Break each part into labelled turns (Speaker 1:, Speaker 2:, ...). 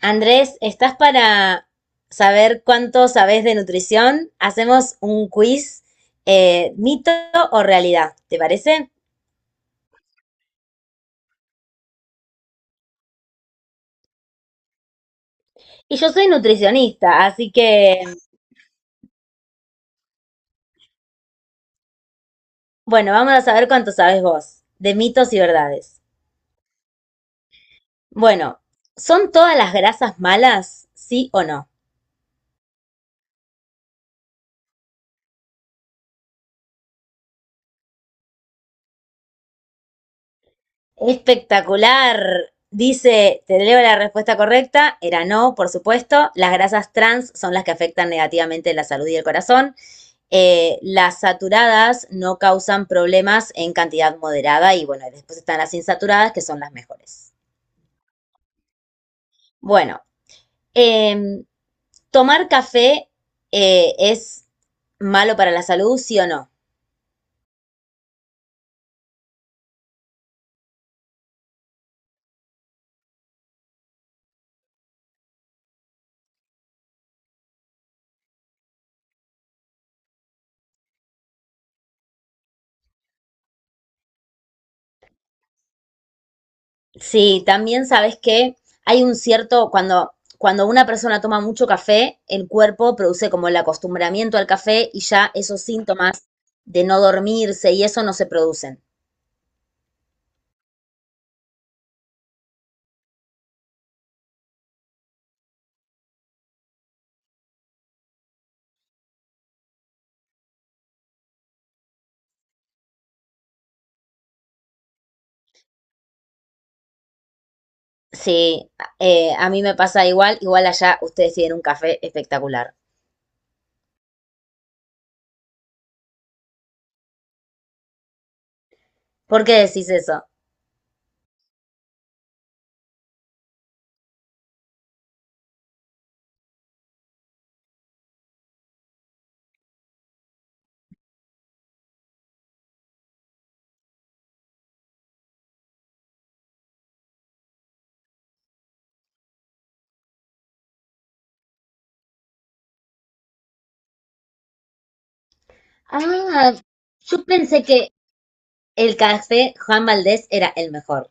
Speaker 1: Andrés, ¿estás para saber cuánto sabes de nutrición? Hacemos un quiz, mito o realidad, ¿te parece? Y yo soy nutricionista, así que, bueno, vamos a saber cuánto sabes vos de mitos y verdades. Bueno, ¿son todas las grasas malas? ¿Sí o no? Espectacular. Dice, te leo la respuesta correcta, era no, por supuesto. Las grasas trans son las que afectan negativamente la salud y el corazón. Las saturadas no causan problemas en cantidad moderada y bueno, después están las insaturadas que son las mejores. Bueno, eh, tomar café es malo para la salud, ¿sí o no? Sí, también sabes que hay un cierto, cuando una persona toma mucho café, el cuerpo produce como el acostumbramiento al café y ya esos síntomas de no dormirse y eso no se producen. Sí, a mí me pasa igual, igual allá ustedes tienen un café espectacular. ¿Por qué decís eso? Ah, yo pensé que el café Juan Valdés era el mejor.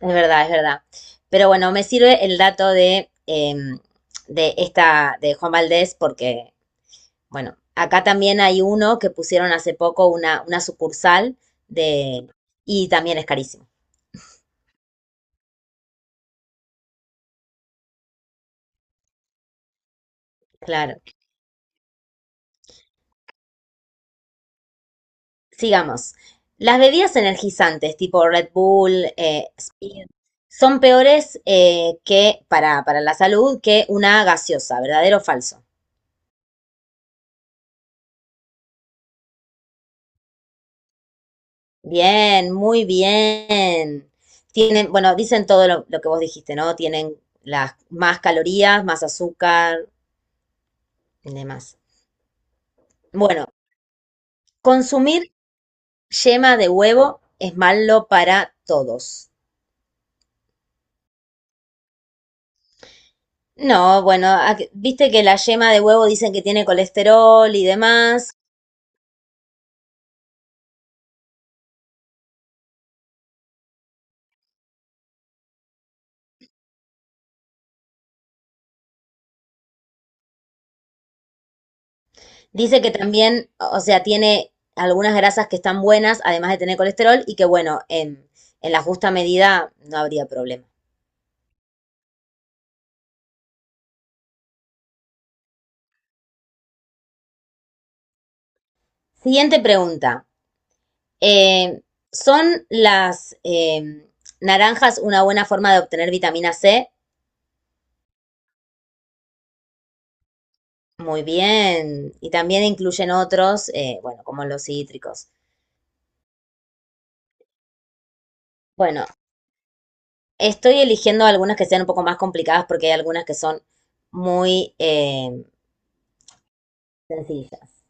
Speaker 1: Es verdad, es verdad. Pero bueno, me sirve el dato de, de esta, de Juan Valdés, porque, bueno, acá también hay uno que pusieron hace poco una sucursal de, y también es carísimo. Claro. Sigamos. Las bebidas energizantes tipo Red Bull, Speed, son peores que para la salud que una gaseosa, ¿verdadero o falso? Bien, muy bien. Tienen, bueno, dicen todo lo que vos dijiste, ¿no? Tienen las más calorías, más azúcar y demás. Bueno, consumir yema de huevo es malo para todos. No, bueno, viste que la yema de huevo dicen que tiene colesterol y demás. Dice que también, o sea, tiene algunas grasas que están buenas, además de tener colesterol, y que bueno, en la justa medida no habría problema. Siguiente pregunta. Eh, ¿Son las naranjas una buena forma de obtener vitamina C? Muy bien. Y también incluyen otros, bueno, como los cítricos. Bueno, estoy eligiendo algunas que sean un poco más complicadas porque hay algunas que son muy sencillas.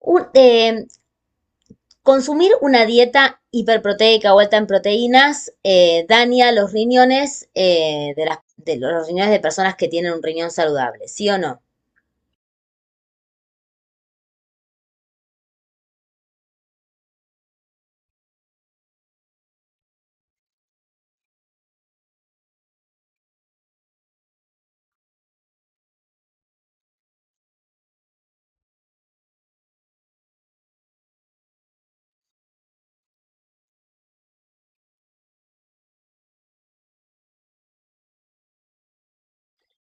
Speaker 1: Un- eh, Consumir una dieta hiperproteica o alta en proteínas daña los riñones de los riñones de personas que tienen un riñón saludable, ¿sí o no?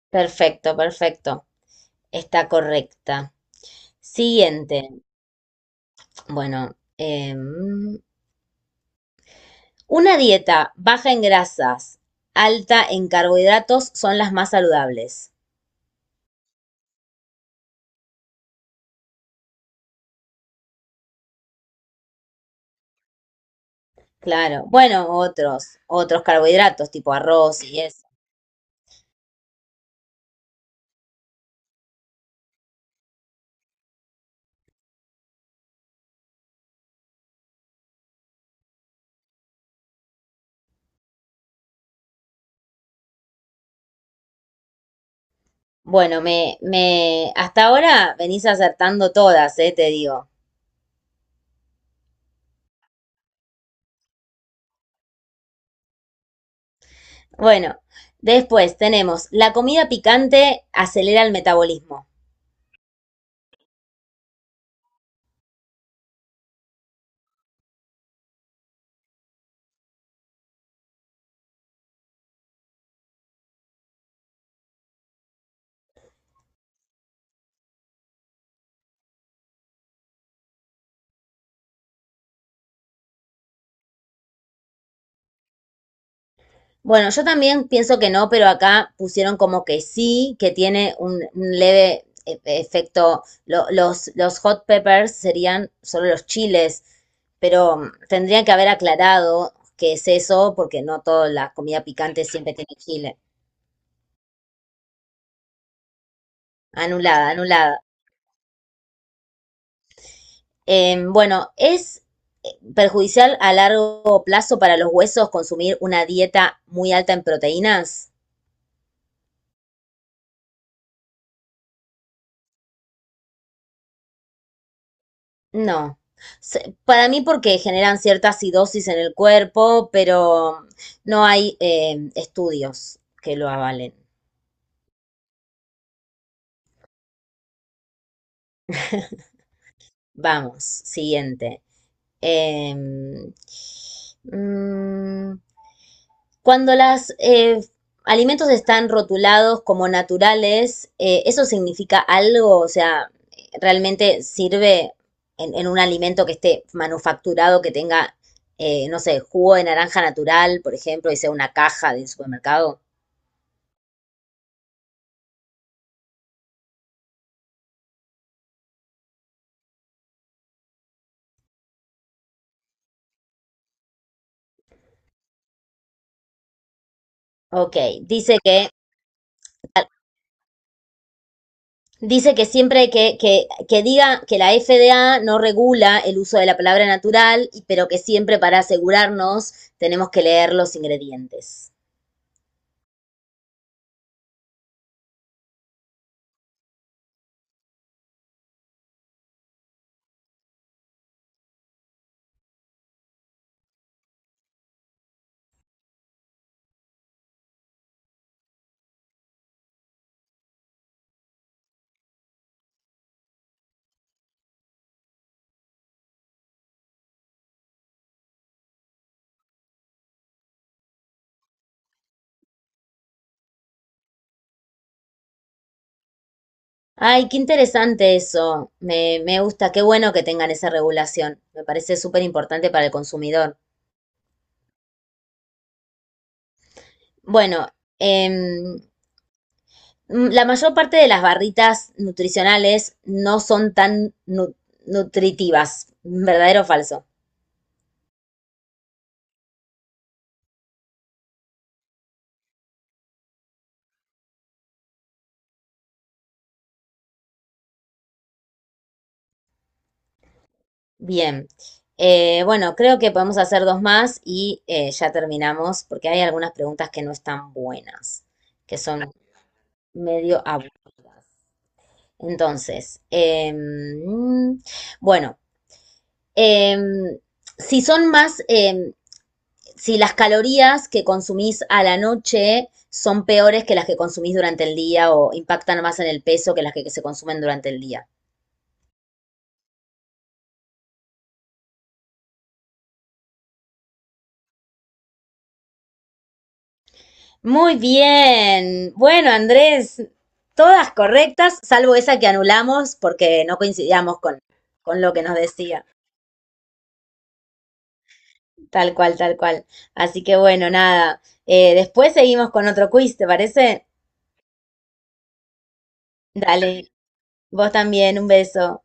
Speaker 1: Perfecto, perfecto. Está correcta. Siguiente. Bueno, una dieta baja en grasas, alta en carbohidratos son las más saludables. Claro. Bueno, otros, otros carbohidratos tipo arroz y eso. Bueno, me, hasta ahora venís acertando todas, te digo. Bueno, después tenemos, la comida picante acelera el metabolismo. Bueno, yo también pienso que no, pero acá pusieron como que sí, que tiene un leve efecto. Los hot peppers serían solo los chiles, pero mm, tendrían que haber aclarado qué es eso, porque no toda la comida picante siempre tiene chile. Anulada, anulada. Bueno, es eh, perjudicial a largo plazo para los huesos consumir una dieta muy alta en proteínas. No. Para mí porque generan cierta acidosis en el cuerpo, pero no hay estudios que lo avalen. Vamos, siguiente. Em, mm, Cuando los alimentos están rotulados como naturales, ¿eso significa algo? O sea, ¿realmente sirve en un alimento que esté manufacturado, que tenga, no sé, jugo de naranja natural, por ejemplo, y sea una caja del supermercado? Ok, dice que, dice que siempre que diga que la FDA no regula el uso de la palabra natural, pero que siempre para asegurarnos tenemos que leer los ingredientes. Ay, qué interesante eso. Me gusta, qué bueno que tengan esa regulación. Me parece súper importante para el consumidor. Bueno, em, la mayor parte de las barritas nutricionales no son tan nutritivas, ¿verdadero o falso? Bien. Bueno, creo que podemos hacer dos más y ya terminamos porque hay algunas preguntas que no están buenas, que son medio aburridas. Entonces, bueno. Eh, si son más, eh, si las calorías que consumís a la noche son peores que las que consumís durante el día o impactan más en el peso que las que se consumen durante el día. Muy bien. Bueno, Andrés, todas correctas, salvo esa que anulamos porque no coincidíamos con lo que nos decía. Tal cual, tal cual. Así que bueno, nada. Después seguimos con otro quiz, ¿te parece? Dale, vos también, un beso.